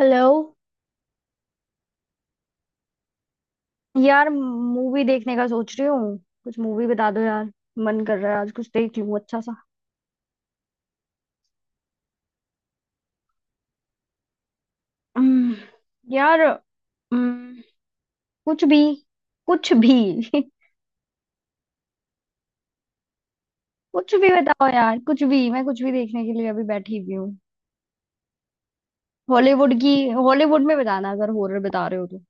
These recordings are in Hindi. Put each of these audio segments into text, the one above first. हेलो। यार मूवी देखने का सोच रही हूँ। कुछ मूवी बता दो यार। मन कर रहा है आज कुछ देख लूँ अच्छा सा। हम्म। यार कुछ भी। कुछ भी। कुछ भी बताओ यार, कुछ भी, मैं कुछ भी देखने के लिए अभी बैठी हुई हूँ। हॉलीवुड में बताना अगर हॉरर बता रहे हो तो।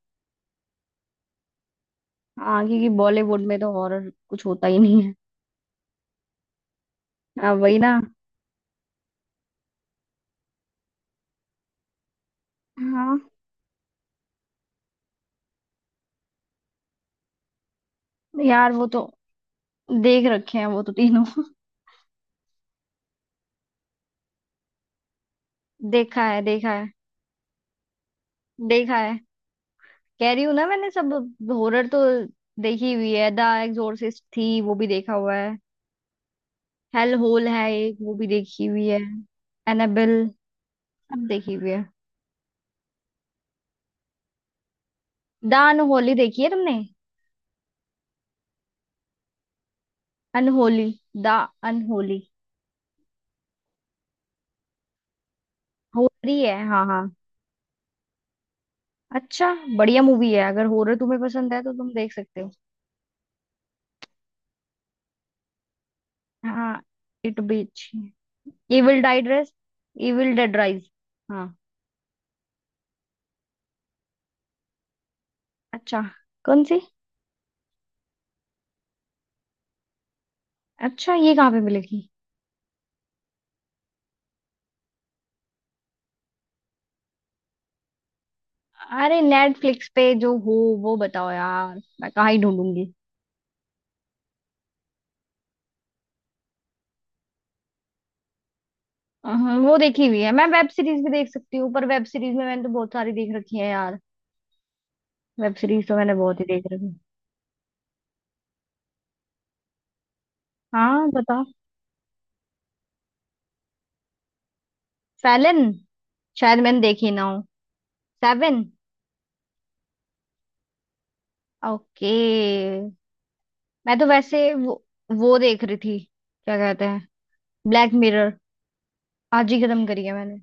हाँ, क्योंकि बॉलीवुड में तो हॉरर कुछ होता ही नहीं है। हाँ वही ना। हाँ। यार वो तो देख रखे हैं वो तो, तीनों। देखा है, देखा है। देखा है, कह रही हूँ ना मैंने सब। हॉरर तो देखी हुई है। द एग्जोर्सिस्ट थी, वो भी देखा हुआ है। हेल होल है एक, वो भी देखी हुई है। एनाबेल, सब देखी हुई है। द अनहोली देखी है तुमने? Unholy, the unholy. हॉरर ही है, हाँ हाँ। अच्छा, बढ़िया मूवी है, अगर हॉरर तुम्हें पसंद है तो तुम देख सकते हो। हाँ, इट भी अच्छी है। Evil dead rise, evil dead rise. हाँ। अच्छा, कौन सी? अच्छा, ये कहाँ पे मिलेगी? अरे नेटफ्लिक्स पे जो हो वो बताओ यार, मैं कहाँ ही ढूंढूंगी। अहं, वो देखी हुई है। मैं वेब सीरीज भी देख सकती हूँ, पर वेब सीरीज में मैंने तो बहुत सारी देख रखी है यार। वेब सीरीज तो मैंने बहुत ही देख रखी है। हाँ बताओ। फैलन? शायद मैंने देखी ना हो। सेवन। ओके। मैं तो वैसे वो देख रही थी, क्या कहते हैं, ब्लैक मिरर। आज ही खत्म करी है मैंने।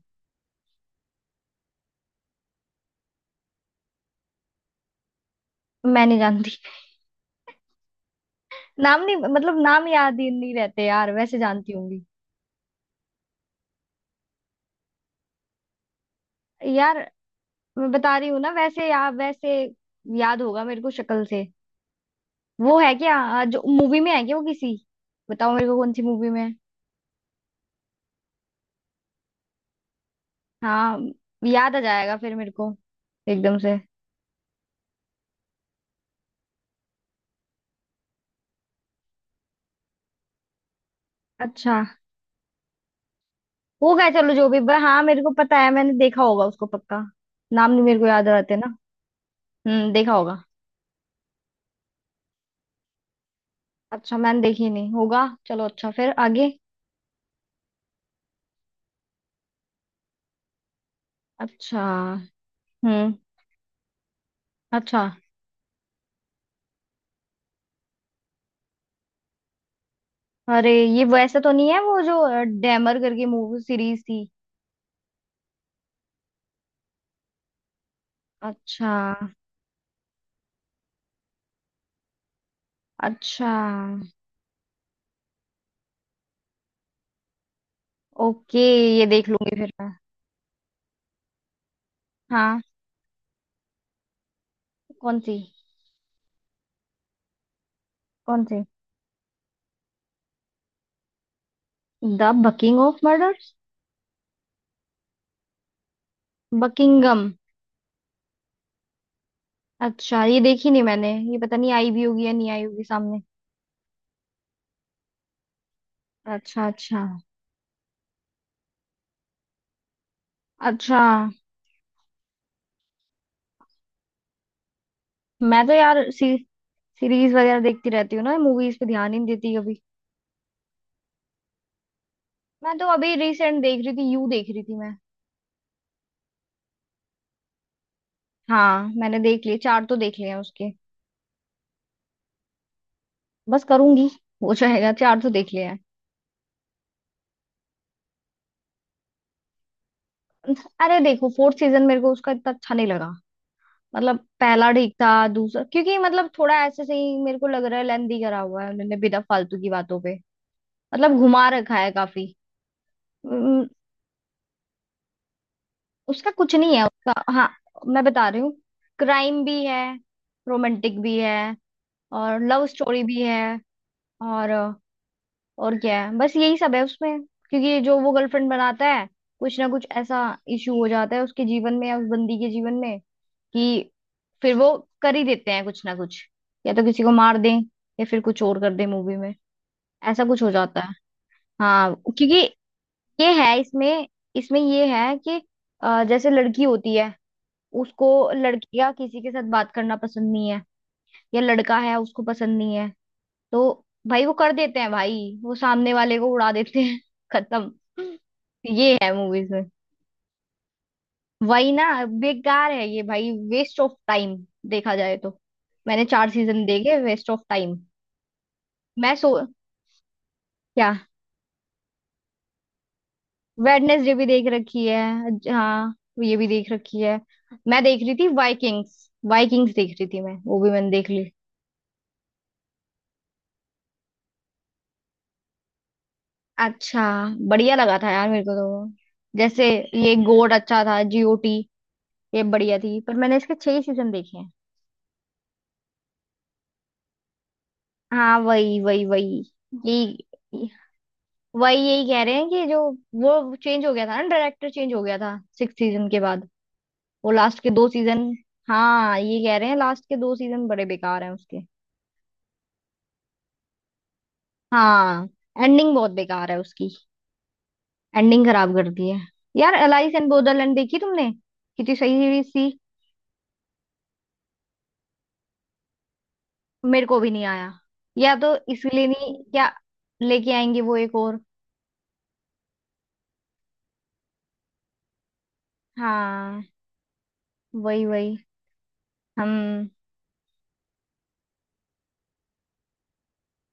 मैं नहीं जानती। नाम नहीं, मतलब नाम याद ही नहीं रहते यार, वैसे जानती होंगी। यार मैं बता रही हूँ ना, वैसे, या वैसे याद होगा मेरे को शक्ल से। वो है क्या, जो मूवी में है, क्या वो किसी? बताओ मेरे को कौन सी मूवी में है? हाँ, याद आ जाएगा फिर मेरे को एकदम से। अच्छा होगा, चलो जो भी हाँ, मेरे को पता है मैंने देखा होगा उसको पक्का। नाम नहीं मेरे को याद रहते ना। देखा होगा। अच्छा मैंने देखी नहीं होगा, चलो अच्छा फिर आगे। अच्छा। हम्म। अच्छा। अरे ये वैसा तो नहीं है वो, जो डैमर करके मूवी सीरीज थी? अच्छा। अच्छा। ओके, ये देख लूंगी फिर मैं। हाँ। कौन सी? कौन सी? The bucking of murder? Buckingham. अच्छा, ये देखी नहीं मैंने, ये पता नहीं आई भी होगी या नहीं आई होगी सामने। अच्छा। अच्छा। अच्छा। मैं तो यार सीरीज वगैरह देखती रहती हूँ ना, मूवीज पे ध्यान ही नहीं देती कभी। मैं तो अभी रिसेंट देख रही थी, यू देख रही थी मैं। हाँ मैंने देख लिए, 4 तो देख लिए हैं उसके। बस करूंगी, हो जाएगा, 4 तो देख लिए हैं। अरे देखो, फोर्थ सीजन मेरे को उसका इतना अच्छा नहीं लगा। मतलब पहला ठीक था, दूसरा क्योंकि मतलब थोड़ा ऐसे सही, मेरे को लग रहा है लेंदी करा हुआ है उन्होंने, बिना फालतू की बातों पे मतलब घुमा रखा है काफी। उम, उसका कुछ नहीं है उसका, हाँ। मैं बता रही हूँ। क्राइम भी है, रोमांटिक भी है, और लव स्टोरी भी है। और और क्या है, बस यही सब है उसमें। क्योंकि जो वो गर्लफ्रेंड बनाता है, कुछ ना कुछ ऐसा इशू हो जाता है उसके जीवन में या उस बंदी के जीवन में कि फिर वो कर ही देते हैं कुछ ना कुछ, या तो किसी को मार दें या फिर कुछ और कर दें मूवी में, ऐसा कुछ हो जाता है। हाँ क्योंकि ये है इसमें। इसमें ये है कि जैसे लड़की होती है उसको, लड़की का किसी के साथ बात करना पसंद नहीं है, या लड़का है उसको पसंद नहीं है, तो भाई वो कर देते हैं भाई, वो सामने वाले को उड़ा देते हैं, खत्म। ये है मूवीज में। वही ना, बेकार है ये भाई, वेस्ट ऑफ टाइम देखा जाए तो। मैंने 4 सीजन देखे, वेस्ट ऑफ टाइम। मैं सो। क्या? वेडनेसडे भी देख रखी है, हाँ, ये भी देख रखी है। मैं देख रही थी वाइकिंग्स, वाइकिंग्स देख रही थी मैं, वो भी मैंने देख ली। अच्छा। बढ़िया लगा था यार मेरे को तो वो। जैसे ये गोट अच्छा था, जीओटी, ये बढ़िया थी, पर मैंने इसके 6 ही सीजन देखे हैं। हाँ वही वही वही, यही, वही यही कह रहे हैं कि जो वो चेंज हो गया था ना, डायरेक्टर चेंज हो गया था 6 सीजन के बाद, वो लास्ट के 2 सीजन। हाँ, ये कह रहे हैं लास्ट के 2 सीजन बड़े बेकार हैं उसके। हाँ। एंडिंग बहुत बेकार है उसकी। एंडिंग खराब कर दी है। यार एलाइस एंड बोदरलैंड देखी तुमने? कितनी सही सीरीज थी। मेरे को भी नहीं आया। या तो इसलिए नहीं, क्या लेके आएंगे वो एक और। हाँ वही वही। हम।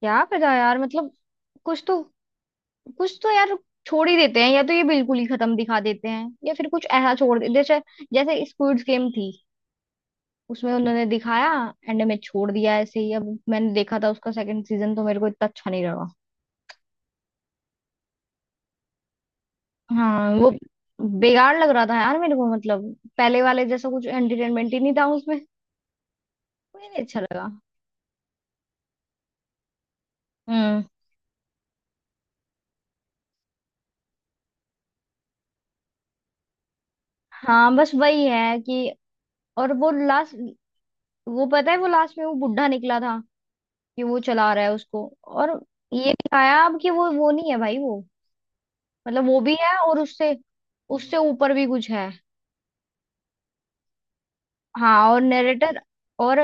क्या पता यार, मतलब कुछ तो, कुछ तो यार छोड़ ही देते हैं, या तो ये बिल्कुल ही खत्म दिखा देते हैं या फिर कुछ ऐसा छोड़ देते, जैसे, जैसे स्क्विड गेम थी, उसमें उन्होंने दिखाया, एंड में छोड़ दिया ऐसे ही। अब मैंने देखा था उसका सेकंड सीजन, तो मेरे को इतना अच्छा नहीं लगा। हाँ वो बेकार लग रहा था यार मेरे को, मतलब पहले वाले जैसा कुछ एंटरटेनमेंट ही नहीं था उसमें। मुझे नहीं अच्छा लगा। हम्म। हाँ बस वही है कि, और वो लास्ट, वो पता है वो लास्ट में वो बुढ़ा निकला था कि वो चला रहा है उसको, और ये दिखाया अब कि वो नहीं है भाई, वो मतलब वो भी है और उससे, उससे ऊपर भी कुछ है। हाँ और नरेटर, और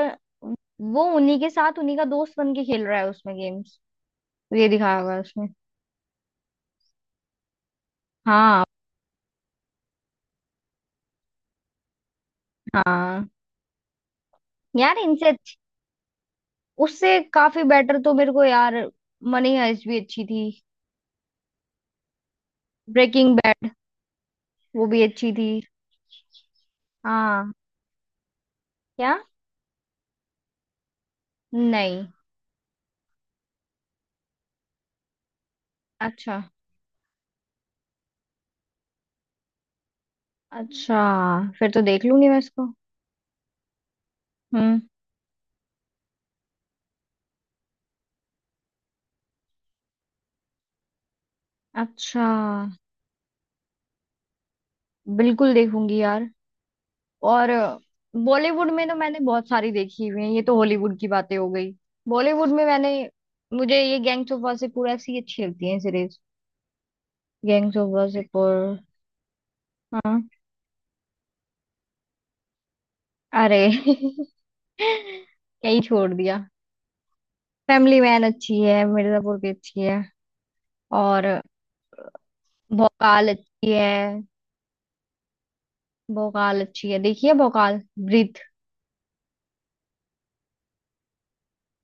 वो उन्हीं के साथ उन्हीं का दोस्त बन के खेल रहा है उसमें गेम्स, ये दिखाया हुआ है उसमें। हाँ। हाँ। यार इनसे अच्छी, उससे काफी बेटर तो मेरे को यार मनी हाइस्ट भी अच्छी थी। ब्रेकिंग बैड, वो भी अच्छी थी। हाँ। क्या? नहीं। अच्छा, अच्छा, फिर तो देख लूंगी मैं इसको। हम्म। अच्छा। बिल्कुल देखूंगी यार। और बॉलीवुड में तो मैंने बहुत सारी देखी हुई है, ये तो हॉलीवुड की बातें हो गई। बॉलीवुड में मैंने, मुझे ये गैंग्स ऑफ वासेपुर ऐसी अच्छी लगती है सीरीज। Gangs of Wasseypur. हाँ। अरे यही छोड़ दिया। फैमिली मैन अच्छी है, मिर्जापुर की अच्छी है, और भोकाल अच्छी है। भोकाल अच्छी है, देखिए भोकाल, ब्रीथ।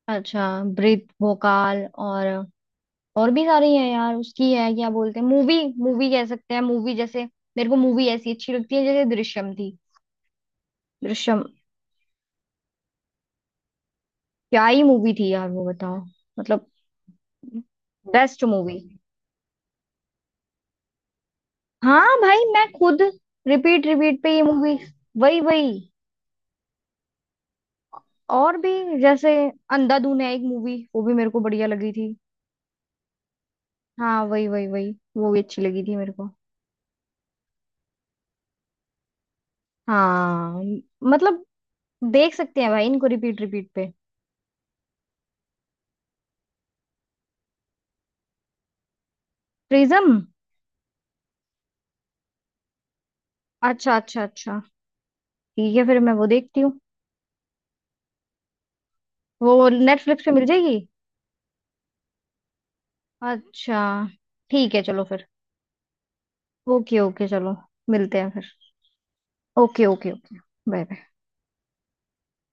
अच्छा। ब्रीथ, भोकाल, और भी सारी है यार उसकी, है क्या बोलते हैं, मूवी, मूवी कह सकते हैं, मूवी जैसे, मेरे को मूवी ऐसी अच्छी लगती है जैसे दृश्यम थी। दृश्यम, क्या ही मूवी थी यार वो बताओ, मतलब, बेस्ट मूवी। हाँ भाई मैं खुद, रिपीट रिपीट पे ये मूवी। वही वही। और भी, जैसे अंधाधुन है एक मूवी, वो भी मेरे को बढ़िया लगी थी। हाँ वही वही वही, वो भी अच्छी लगी थी मेरे को। हाँ मतलब देख सकते हैं भाई इनको रिपीट रिपीट पे। प्रिज्म? अच्छा अच्छा अच्छा, ठीक है फिर मैं वो देखती हूँ। वो नेटफ्लिक्स पे मिल जाएगी? अच्छा, ठीक है चलो फिर। ओके ओके चलो, मिलते हैं फिर। Okay okay okay, bye bye.